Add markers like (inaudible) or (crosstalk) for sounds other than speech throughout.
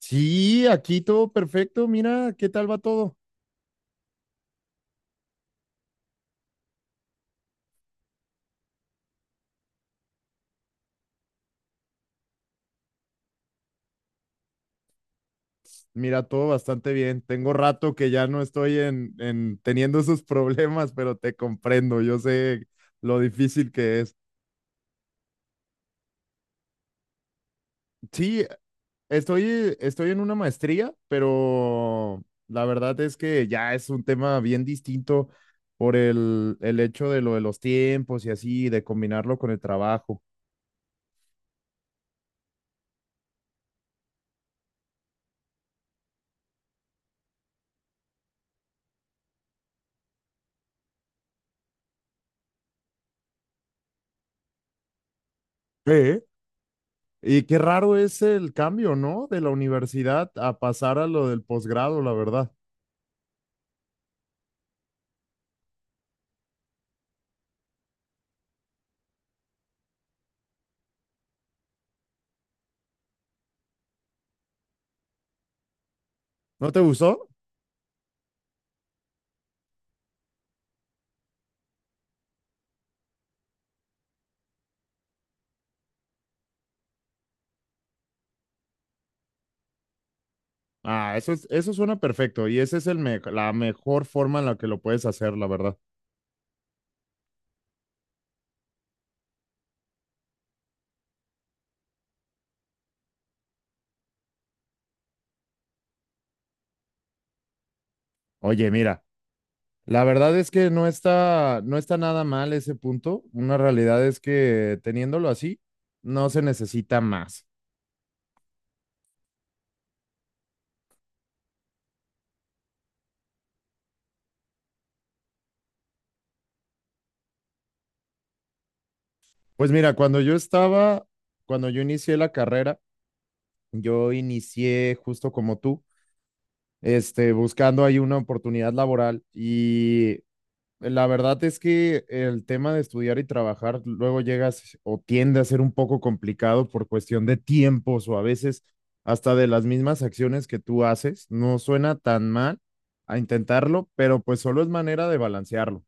Sí, aquí todo perfecto. Mira, ¿qué tal va todo? Mira, todo bastante bien. Tengo rato que ya no estoy en teniendo esos (laughs) problemas, pero te comprendo. Yo sé lo difícil que es. Sí, estoy en una maestría, pero la verdad es que ya es un tema bien distinto por el hecho de lo de los tiempos y así, de combinarlo con el trabajo. ¿Eh? Y qué raro es el cambio, ¿no? De la universidad a pasar a lo del posgrado, la verdad. ¿No te gustó? Ah, eso suena perfecto y esa es la mejor forma en la que lo puedes hacer, la verdad. Oye, mira, la verdad es que no está nada mal ese punto. Una realidad es que teniéndolo así, no se necesita más. Pues mira, cuando yo inicié la carrera, yo inicié justo como tú, buscando ahí una oportunidad laboral. Y la verdad es que el tema de estudiar y trabajar luego llegas o tiende a ser un poco complicado por cuestión de tiempos o a veces hasta de las mismas acciones que tú haces. No suena tan mal a intentarlo, pero pues solo es manera de balancearlo.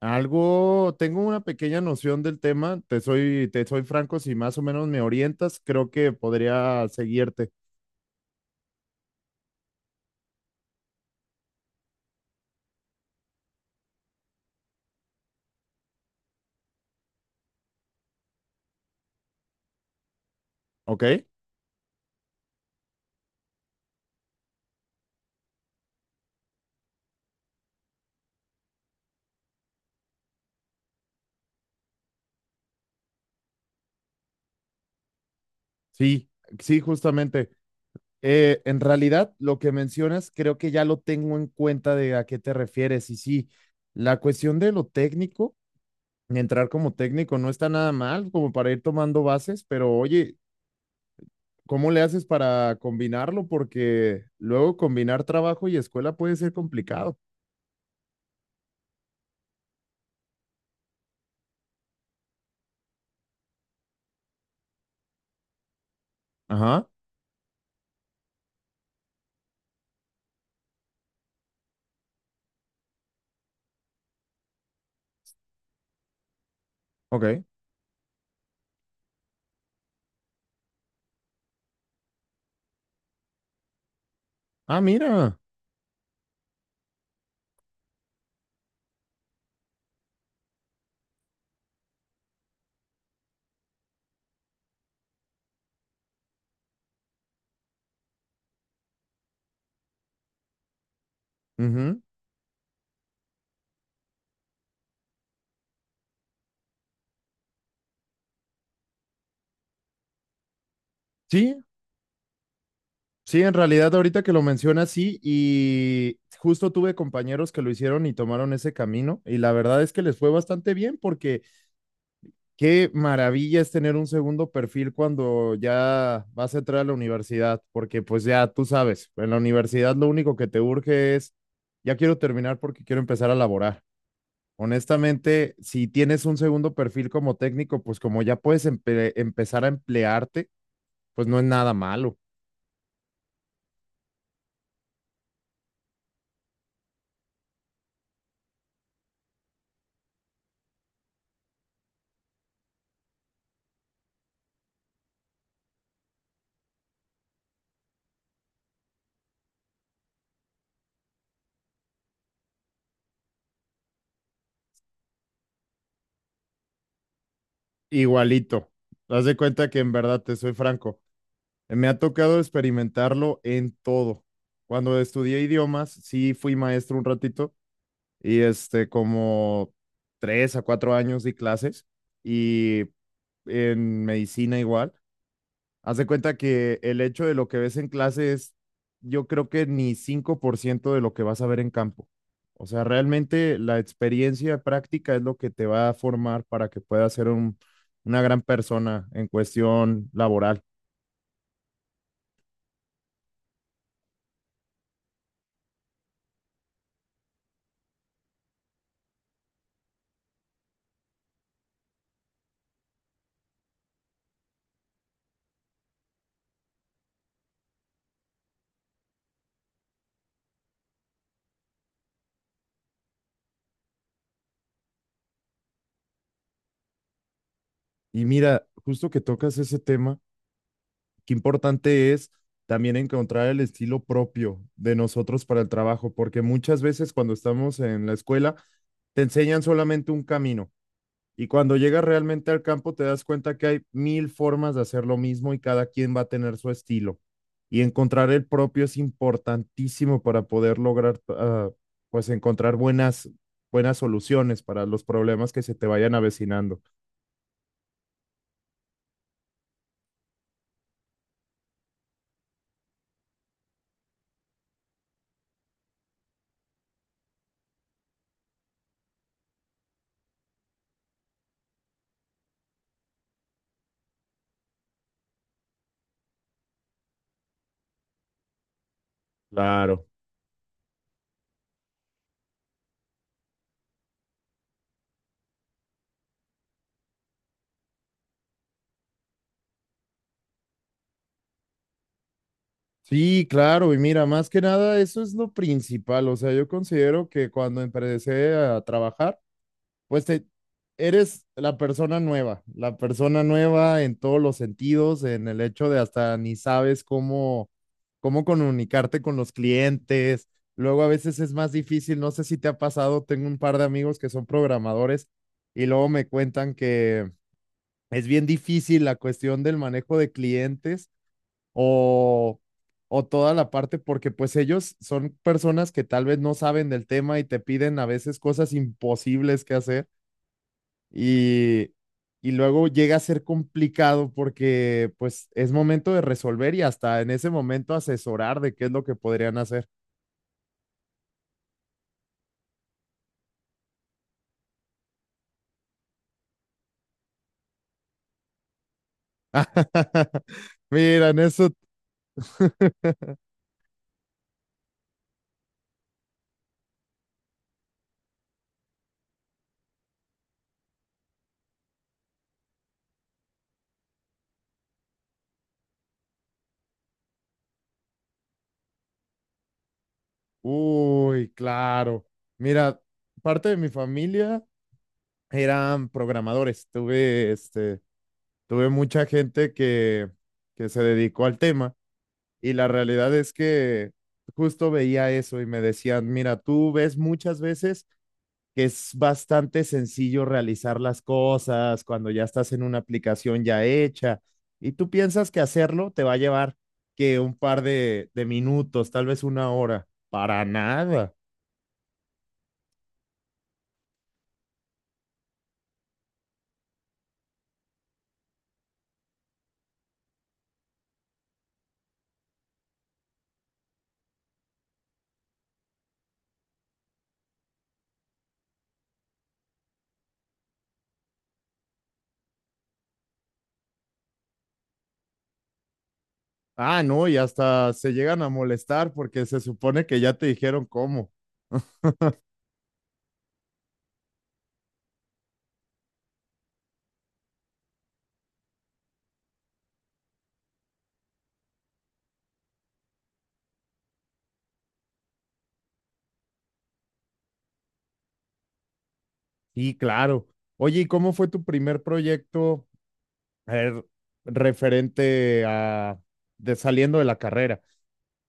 Algo, tengo una pequeña noción del tema, te soy franco, si más o menos me orientas, creo que podría seguirte, ¿ok? Sí, sí, justamente. En realidad, lo que mencionas, creo que ya lo tengo en cuenta de a qué te refieres. Y sí, la cuestión de lo técnico, entrar como técnico no está nada mal, como para ir tomando bases, pero oye, ¿cómo le haces para combinarlo? Porque luego combinar trabajo y escuela puede ser complicado. Ajá, ok. Ah, mira. Ujú. Sí, sí, en realidad ahorita que lo mencionas, sí, y justo tuve compañeros que lo hicieron y tomaron ese camino, y la verdad es que les fue bastante bien porque qué maravilla es tener un segundo perfil cuando ya vas a entrar a la universidad, porque pues ya tú sabes, en la universidad lo único que te urge es, ya quiero terminar porque quiero empezar a laborar. Honestamente, si tienes un segundo perfil como técnico, pues como ya puedes empezar a emplearte, pues no es nada malo. Igualito. Haz de cuenta que en verdad te soy franco. Me ha tocado experimentarlo en todo. Cuando estudié idiomas, sí fui maestro un ratito y como tres a cuatro años di clases y en medicina igual. Haz de cuenta que el hecho de lo que ves en clase es, yo creo que ni 5% de lo que vas a ver en campo. O sea, realmente la experiencia práctica es lo que te va a formar para que puedas ser una gran persona en cuestión laboral. Y mira, justo que tocas ese tema, qué importante es también encontrar el estilo propio de nosotros para el trabajo, porque muchas veces cuando estamos en la escuela te enseñan solamente un camino y cuando llegas realmente al campo te das cuenta que hay mil formas de hacer lo mismo y cada quien va a tener su estilo. Y encontrar el propio es importantísimo para poder lograr, ah, pues encontrar buenas soluciones para los problemas que se te vayan avecinando. Claro. Sí, claro, y mira, más que nada eso es lo principal, o sea, yo considero que cuando empecé a trabajar, pues eres la persona nueva en todos los sentidos, en el hecho de hasta ni sabes cómo comunicarte con los clientes, luego a veces es más difícil, no sé si te ha pasado, tengo un par de amigos que son programadores y luego me cuentan que es bien difícil la cuestión del manejo de clientes o, o toda la parte, porque pues ellos son personas que tal vez no saben del tema y te piden a veces cosas imposibles que hacer y, y luego llega a ser complicado porque pues es momento de resolver y hasta en ese momento asesorar de qué es lo que podrían hacer. (laughs) Mira en eso. (laughs) Uy, claro. Mira, parte de mi familia eran programadores. Tuve mucha gente que se dedicó al tema y la realidad es que justo veía eso y me decían, mira, tú ves muchas veces que es bastante sencillo realizar las cosas cuando ya estás en una aplicación ya hecha y tú piensas que hacerlo te va a llevar que un par de minutos, tal vez una hora, para nada. Ah, no, y hasta se llegan a molestar porque se supone que ya te dijeron cómo. (laughs) Sí, claro. Oye, ¿y cómo fue tu primer proyecto a referente a de saliendo de la carrera?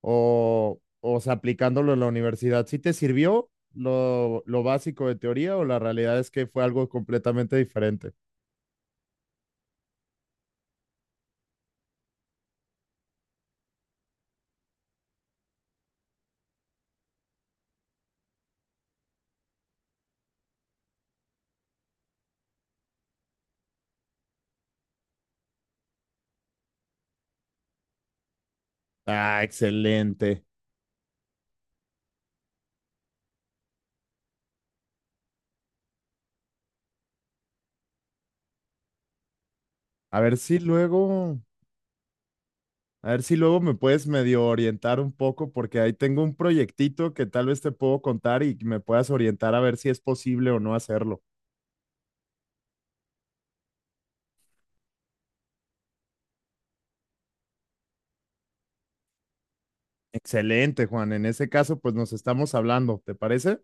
O sea, aplicándolo en la universidad. ¿Sí te sirvió lo básico de teoría o la realidad es que fue algo completamente diferente? Ah, excelente. A ver si luego, a ver si luego me puedes medio orientar un poco porque ahí tengo un proyectito que tal vez te puedo contar y me puedas orientar a ver si es posible o no hacerlo. Excelente, Juan. En ese caso, pues nos estamos hablando, ¿te parece?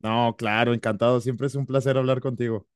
No, claro, encantado. Siempre es un placer hablar contigo.